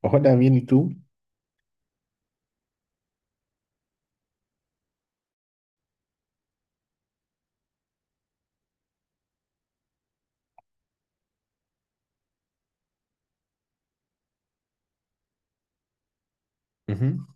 Hola, bien, ¿y tú? Ujú.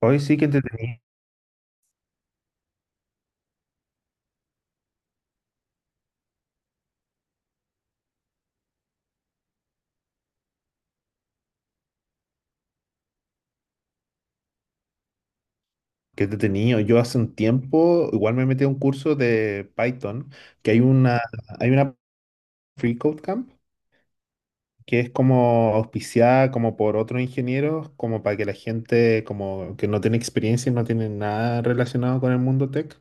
Hoy sí que entretenido, que entretenido. Yo hace un tiempo igual me metí a un curso de Python, que hay una Free Code Camp, que es como auspiciada como por otros ingenieros, como para que la gente como que no tiene experiencia y no tiene nada relacionado con el mundo tech.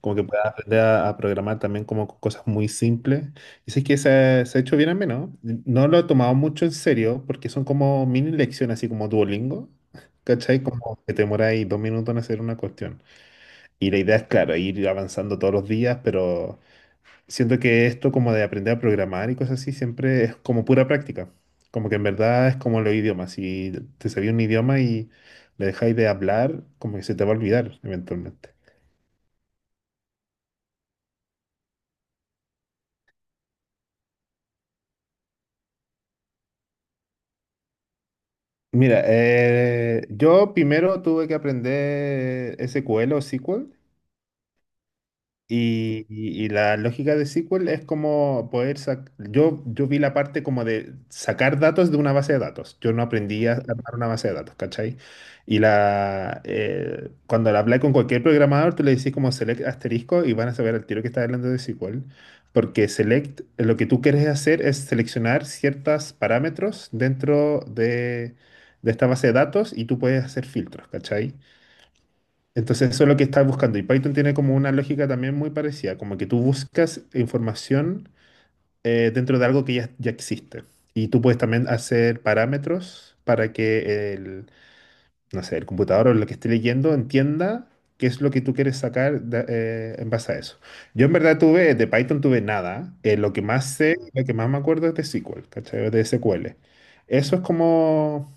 Como que puedas aprender a programar también como cosas muy simples. Y sé que se ha hecho bien menos. No lo he tomado mucho en serio porque son como mini lecciones, así como Duolingo. ¿Cachai? Como que te demora ahí dos minutos en hacer una cuestión. Y la idea es, claro, ir avanzando todos los días, pero siento que esto como de aprender a programar y cosas así siempre es como pura práctica. Como que en verdad es como los idiomas. Si te sabía un idioma y le dejáis de hablar, como que se te va a olvidar eventualmente. Mira, yo primero tuve que aprender SQL o SQL. Y la lógica de SQL es como poder sacar, yo vi la parte como de sacar datos de una base de datos. Yo no aprendí a armar una base de datos, ¿cachai? Y la, cuando la hablé con cualquier programador, tú le decís como select asterisco y van a saber al tiro que está hablando de SQL. Porque select, lo que tú quieres hacer es seleccionar ciertos parámetros de esta base de datos, y tú puedes hacer filtros, ¿cachai? Entonces eso es lo que estás buscando. Y Python tiene como una lógica también muy parecida, como que tú buscas información, dentro de algo que ya existe. Y tú puedes también hacer parámetros para que el, no sé, el computador o lo que esté leyendo entienda qué es lo que tú quieres sacar, en base a eso. Yo en verdad tuve, de Python tuve nada. Lo que más sé, lo que más me acuerdo es de SQL, ¿cachai? De SQL. Eso es como.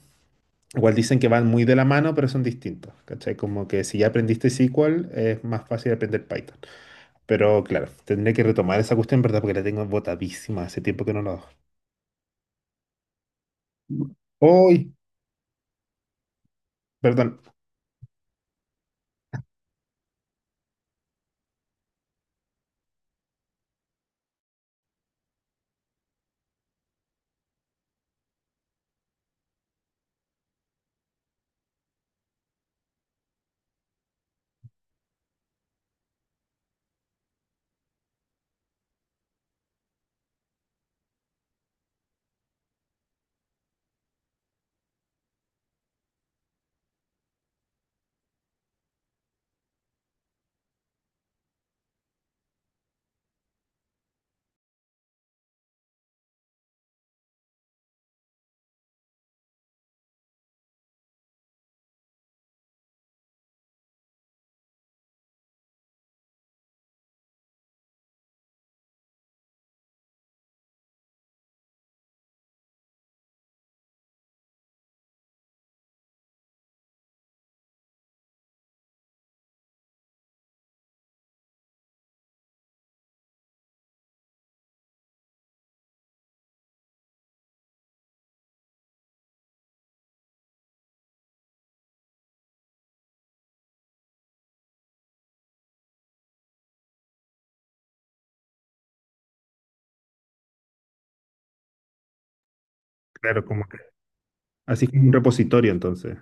Igual dicen que van muy de la mano, pero son distintos, ¿cachai? Como que si ya aprendiste SQL, es más fácil aprender Python. Pero claro, tendré que retomar esa cuestión, ¿verdad? Porque la tengo botadísima, hace tiempo que no la hago. ¡Uy! Perdón. Claro, como que. Así como un repositorio, entonces.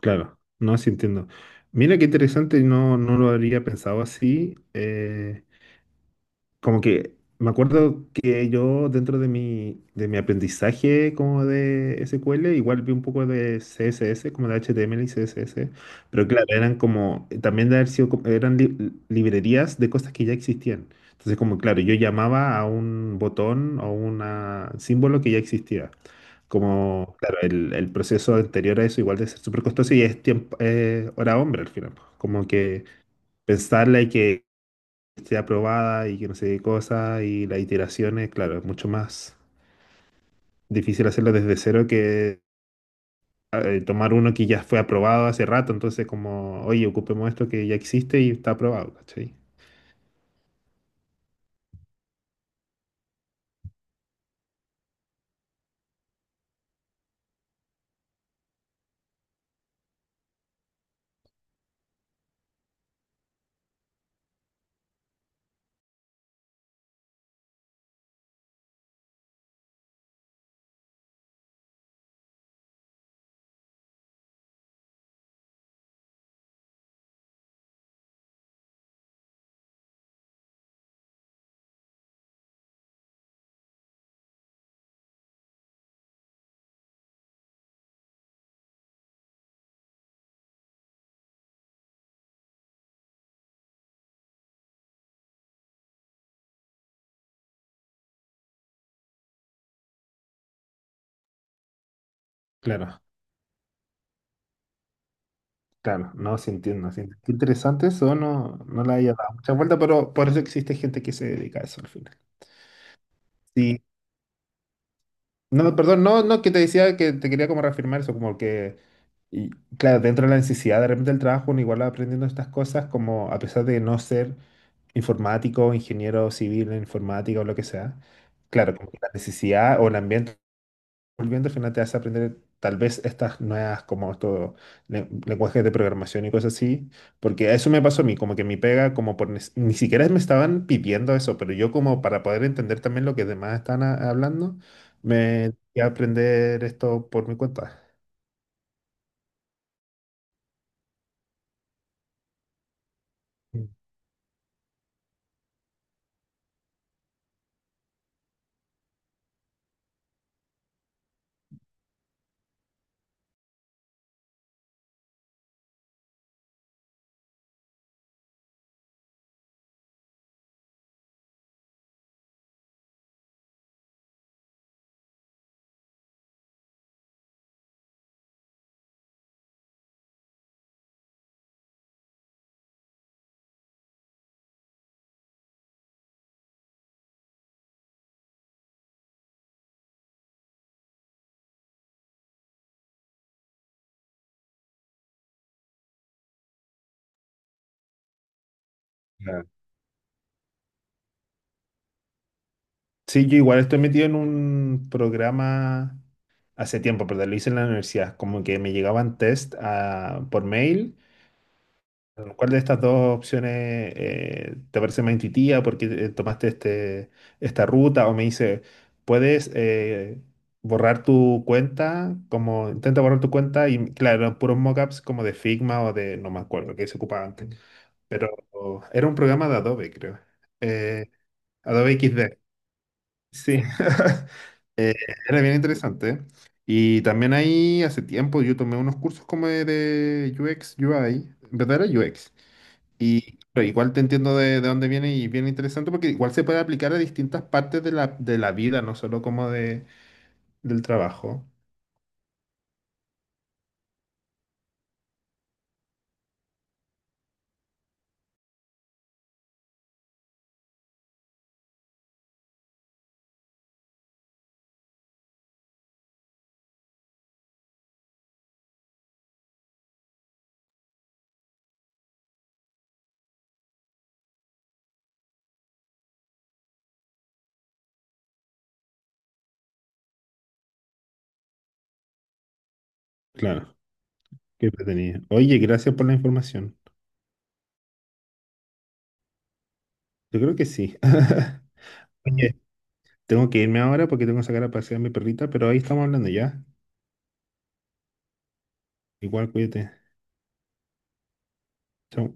Claro, no, sí entiendo. Mira qué interesante, no, no lo habría pensado así. Como que me acuerdo que yo dentro de mi aprendizaje como de SQL, igual vi un poco de CSS, como de HTML y CSS, pero claro, eran como, también de haber sido, eran librerías de cosas que ya existían. Entonces, como claro, yo llamaba a un botón o un símbolo que ya existía. Como, claro, el proceso anterior a eso igual de ser súper costoso y es tiempo, hora hombre al final, pues. Como que pensarla y que esté aprobada y que no sé qué cosa, y las iteraciones, claro, es mucho más difícil hacerlo desde cero que tomar uno que ya fue aprobado hace rato. Entonces como, oye, ocupemos esto que ya existe y está aprobado, ¿cachai? Claro, claro, no, sí entiendo, sí entiendo. Qué interesante eso, no, no le haya dado mucha vuelta, pero por eso existe gente que se dedica a eso al final. Sí. No, perdón, no, no, que te decía que te quería como reafirmar eso, como que. Y claro, dentro de la necesidad de repente del trabajo, uno igual va aprendiendo estas cosas, como a pesar de no ser informático, ingeniero civil en informática o lo que sea, claro, como que la necesidad o el ambiente volviendo al final te hace aprender tal vez estas nuevas, como estos lenguajes de programación y cosas así, porque eso me pasó a mí, como que mi pega, como ni siquiera me estaban pidiendo eso, pero yo como para poder entender también lo que demás están hablando, me fui a aprender esto por mi cuenta. Mm. Sí, yo igual estoy metido en un programa hace tiempo, pero lo hice en la universidad. Como que me llegaban test por mail. ¿Cuál de estas dos opciones, te parece más intuitiva? Porque tomaste este, ¿esta ruta? O me dice, ¿puedes borrar tu cuenta? Como intenta borrar tu cuenta, y claro, puros mockups como de Figma o de, no me acuerdo, que se ocupaba antes. Era un programa de Adobe, creo. Eh, Adobe XD. Sí. Eh, Era bien interesante, ¿eh? Y también ahí hace tiempo yo tomé unos cursos como de UX, UI, en verdad era UX. Y pero igual te entiendo de dónde viene, y bien interesante porque igual se puede aplicar a distintas partes de la vida, no solo como de, del trabajo. Claro, qué tenía. Oye, gracias por la información. Yo creo que sí. Oye, tengo que irme ahora porque tengo que sacar a pasear a mi perrita, pero ahí estamos hablando ya. Igual, cuídate. Chao.